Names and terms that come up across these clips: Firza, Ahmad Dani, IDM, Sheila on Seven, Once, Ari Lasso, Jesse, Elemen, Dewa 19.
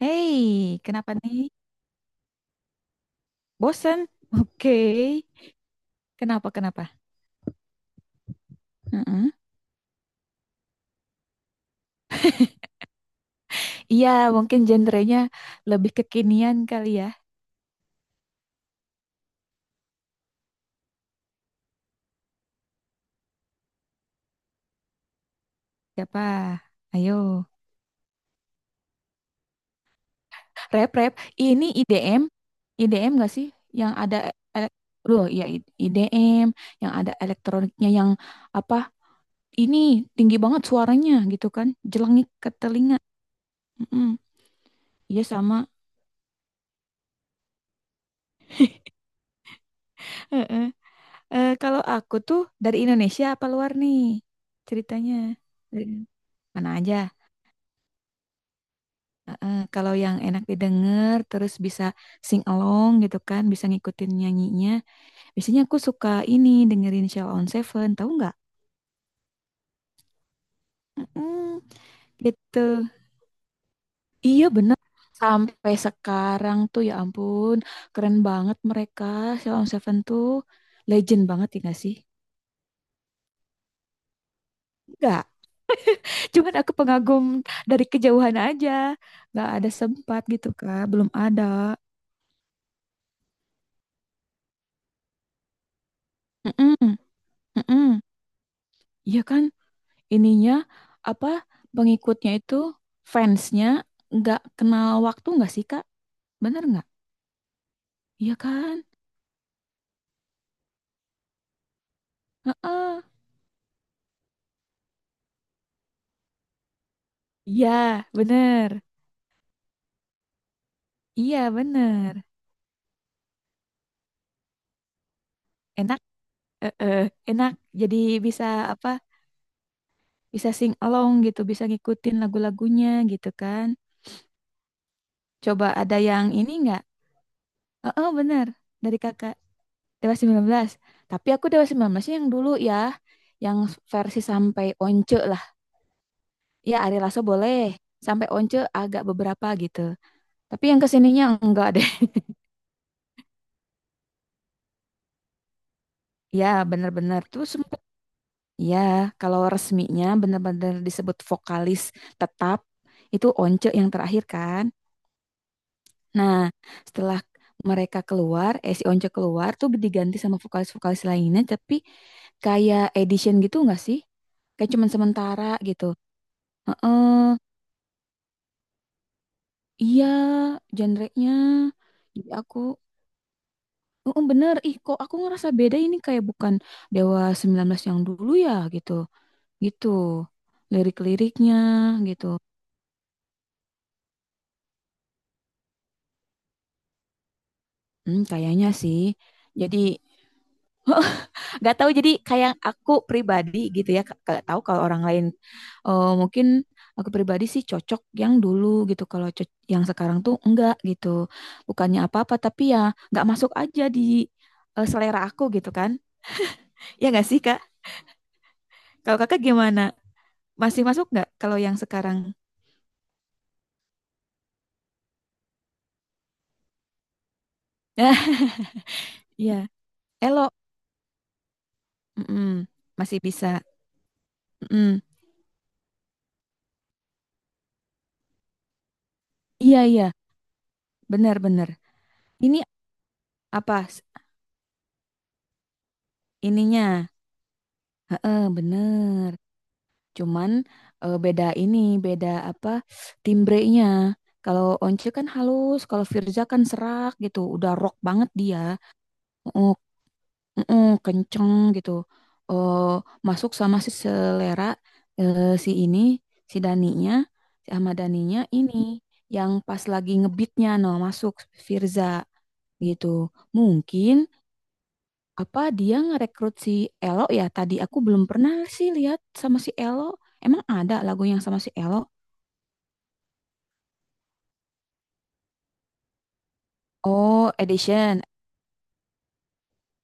Hei, kenapa nih? Bosen? Oke. Kenapa, kenapa? Heeh. Iya, mungkin genrenya lebih kekinian kali ya. Siapa? Ayo. Rap, rap. Ini IDM. IDM gak sih? Yang ada... ele- Loh, iya IDM. Yang ada elektroniknya yang apa? Ini tinggi banget suaranya gitu kan. Jelengik ke telinga. Mm-mm. Iya, sama. Heeh. Kalau aku tuh dari Indonesia apa luar nih ceritanya? Mana aja. Heeh, kalau yang enak didengar, terus bisa sing along gitu kan, bisa ngikutin nyanyinya. Biasanya aku suka ini dengerin Sheila on Seven, tahu nggak? Mm, gitu. Iya bener. Sampai sekarang tuh ya ampun, keren banget mereka. Sheila on Seven tuh legend banget ya nggak sih? Enggak, cuman aku pengagum dari kejauhan aja. Nggak ada sempat gitu kak, belum ada. Mm-mm, mm-mm. Iya kan, ininya apa pengikutnya itu fansnya nggak kenal waktu nggak sih Kak? Bener nggak? Iya kan? Heeh. Iya, bener. Iya, bener. Enak, eh, eh, enak. Jadi bisa apa? Bisa sing along gitu, bisa ngikutin lagu-lagunya gitu kan. Coba ada yang ini nggak? Bener. Dari Kakak Dewa 19. Tapi aku Dewa 19 yang dulu ya, yang versi sampai once. Ya, Ari Lasso boleh. Sampai Once agak beberapa gitu. Tapi yang kesininya enggak deh. Ya, bener-bener tuh sempet. Ya, kalau resminya bener-bener disebut vokalis tetap. Itu Once yang terakhir kan. Nah, setelah mereka keluar, si Once keluar tuh diganti sama vokalis-vokalis lainnya. Tapi kayak edition gitu enggak sih? Kayak cuman sementara gitu. Heeh, iya, genre-nya. Jadi aku oh, bener. Ih, kok aku ngerasa beda ini kayak bukan Dewa 19 yang dulu ya gitu. Gitu. Lirik-liriknya gitu. Hmm, kayaknya sih. Jadi nggak tahu jadi kayak aku pribadi gitu ya. Nggak tahu kalau orang lain mungkin aku pribadi sih cocok yang dulu gitu. Yang sekarang tuh enggak gitu. Bukannya apa-apa tapi ya nggak masuk aja di selera aku gitu kan. Ya nggak sih, Kak? Kalau Kakak gimana? Masih masuk nggak kalau yang sekarang? Iya. Elo, mm-mm, masih bisa. Mm-mm. Iya iya, benar-benar. Ini apa ininya? Heeh, bener. Cuman beda ini, beda apa timbrenya. Kalau Once kan halus, kalau Firza kan serak gitu. Udah rock banget dia. Oh, mm-mm, kenceng gitu. Eh, Masuk sama si selera si ini, si Daninya, si Ahmad Daninya ini yang pas lagi ngebeatnya no masuk Firza. Gitu. Mungkin apa dia ngerekrut si Elo ya? Tadi aku belum pernah sih lihat sama si Elo. Emang ada lagu yang sama si Elo? Oh, edition.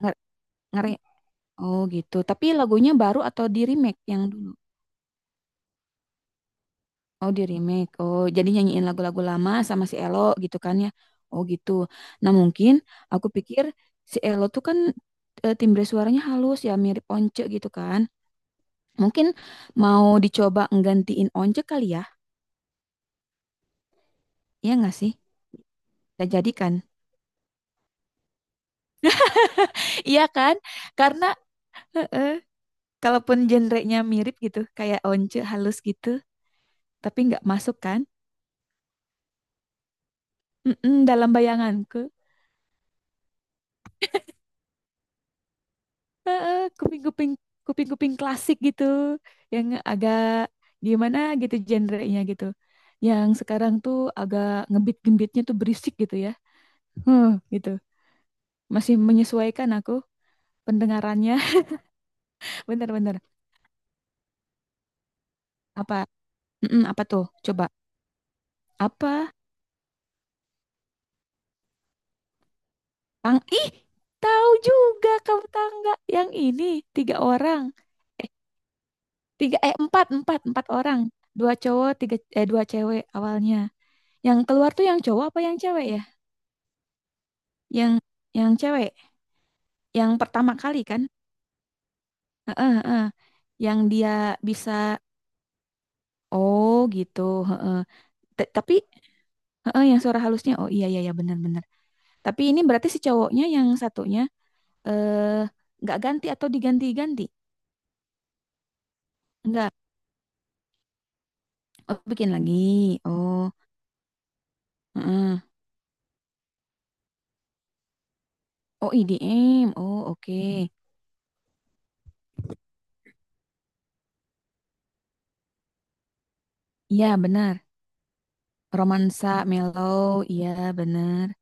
Nge- ngere Oh, gitu. Tapi lagunya baru atau di remake yang dulu? Oh, di remake. Oh, jadi nyanyiin lagu-lagu lama sama si Elo gitu kan ya. Oh, gitu. Nah, mungkin aku pikir si Elo tuh kan timbre suaranya halus ya, mirip Once gitu kan. Mungkin mau dicoba nggantiin Once kali ya. Iya nggak sih? Kita jadikan. Iya kan? Karena heeh. Kalaupun genrenya mirip gitu, kayak once halus gitu, tapi nggak masuk kan? Mm-mm, dalam bayanganku, heeh, kuping-kuping klasik gitu, yang agak gimana gitu genrenya gitu. Yang sekarang tuh agak ngebeat-ngebitnya tuh berisik gitu ya. Huh, gitu. Masih menyesuaikan aku pendengarannya. Bener-bener. Apa? Mm-mm, apa tuh? Coba. Apa Tang ih, tahu juga kamu tangga yang ini tiga orang. Eh, Tiga empat, empat orang. Dua cowok, tiga dua cewek awalnya. Yang keluar tuh yang cowok apa yang cewek ya? Yang yang cewek, yang pertama kali kan? Heeh, heeh. Yang dia bisa oh gitu, heeh. Tapi heeh yang suara halusnya. Oh iya iya iya benar-benar. Tapi ini berarti si cowoknya yang satunya eh nggak ganti atau diganti-ganti? Enggak. Oh, bikin lagi. Oh, heeh. Oh, IDM. Oh, oke. Mm. Iya, benar. Romansa Mellow. Iya, benar.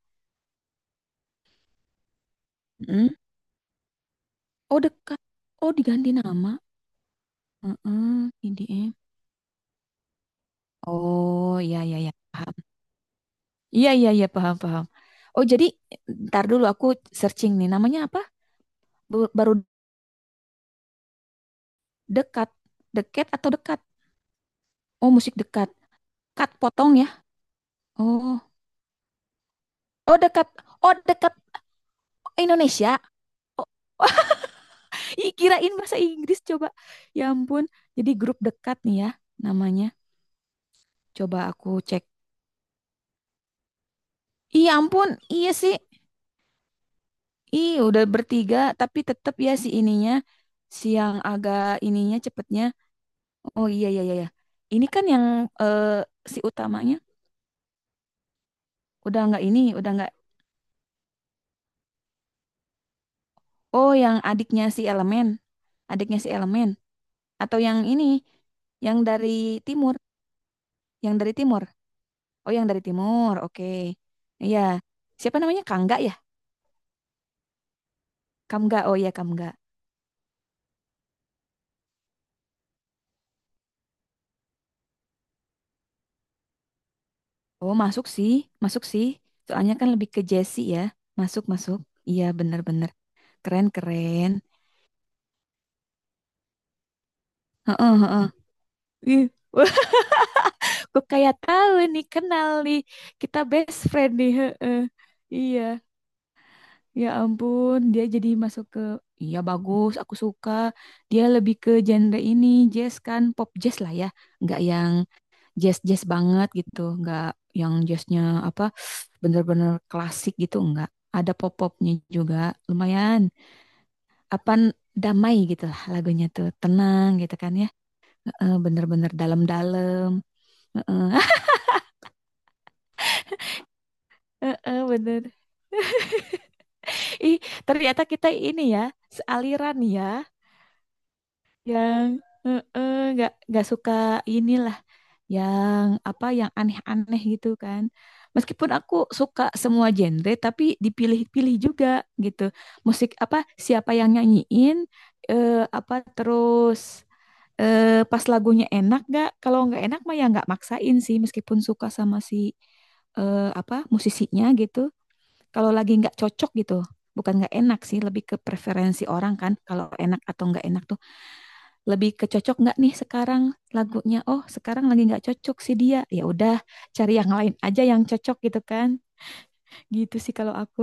Mm. Oh, dekat. Oh, diganti nama. Heeh, IDM. Oh, iya, iya, iya. Paham. Iya, iya, iya. Paham, paham. Oh, jadi ntar dulu aku searching nih. Namanya apa? Baru dekat. Deket atau dekat? Oh, musik dekat. Cut potong ya. Oh. Oh, dekat. Oh, dekat Indonesia. Oh. Ih, kirain bahasa Inggris coba. Ya ampun, jadi grup dekat nih ya namanya. Coba aku cek. Ih, ampun, iya sih. Ih, udah bertiga tapi tetap ya si ininya si yang agak ininya cepetnya. Oh iya iya iya. Iya. Ini kan yang eh, si utamanya udah nggak ini, udah nggak. Oh, yang adiknya si Elemen atau yang ini yang dari timur, yang dari timur. Oh, yang dari timur. Oke. Iya. Siapa namanya? Kangga ya? Kamu nggak, oh iya kamu nggak. Oh masuk sih, masuk sih. Soalnya kan lebih ke Jesse ya. Masuk, masuk. Iya bener-bener. Keren, keren. Heeh, heeh. Ih, wah, kok kayak tahu nih, kenal nih. Kita best friend nih. Heeh. Iya, ya ampun. Dia jadi masuk ke, iya bagus, aku suka. Dia lebih ke genre ini, jazz kan, pop jazz lah ya. Nggak yang jazz-jazz banget gitu, nggak yang jazznya apa bener-bener klasik gitu nggak. Ada pop-popnya juga lumayan apa damai gitu lah lagunya tuh tenang gitu kan ya bener-bener dalam-dalam. Heeh, bener ih ternyata kita ini ya sealiran ya yang nggak suka inilah yang apa yang aneh-aneh gitu kan. Meskipun aku suka semua genre tapi dipilih-pilih juga gitu. Musik apa siapa yang nyanyiin apa terus pas lagunya enak gak? Kalau nggak enak mah ya nggak maksain sih meskipun suka sama si apa musisinya gitu. Kalau lagi nggak cocok gitu, bukan nggak enak sih, lebih ke preferensi orang kan. Kalau enak atau nggak enak tuh lebih kecocok nggak nih sekarang lagunya oh sekarang lagi nggak cocok sih dia ya udah cari yang lain aja yang cocok gitu kan gitu sih kalau aku.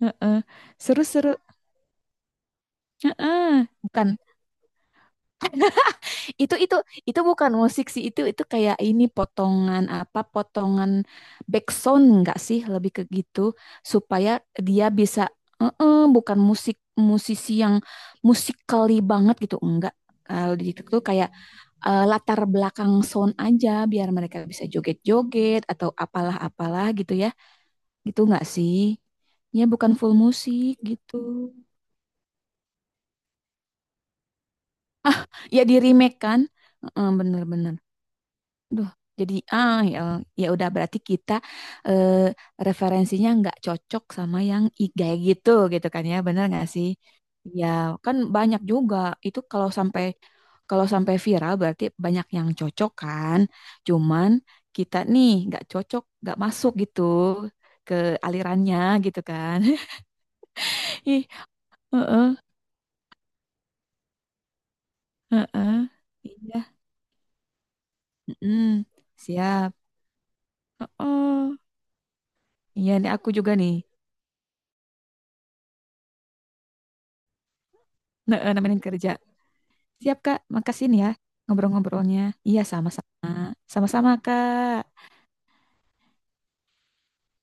Heeh. Seru-seru. Heeh. Bukan itu itu bukan musik sih itu kayak ini potongan apa potongan background nggak sih lebih ke gitu supaya dia bisa. Heeh, bukan musik musisi yang musikali banget gitu enggak kalau di itu tuh kayak latar belakang sound aja biar mereka bisa joget-joget atau apalah-apalah gitu ya. Gitu nggak sih? Ya bukan full musik gitu. Ya di remake kan? Heeh, bener-bener. Duh, jadi ah ya, ya udah berarti kita eh, referensinya nggak cocok sama gitu gitu kan ya, bener nggak sih? Ya kan banyak juga itu kalau sampai viral berarti banyak yang cocok kan, cuman kita nih nggak cocok, nggak masuk gitu ke alirannya gitu kan? Ih, heeh, heeh. Iya, mm-mm, siap. Heeh. Iya nih aku juga nih, nah, nemenin kerja. Siap, Kak. Makasih nih ya ngobrol-ngobrolnya. Iya, sama-sama. Sama-sama, Kak.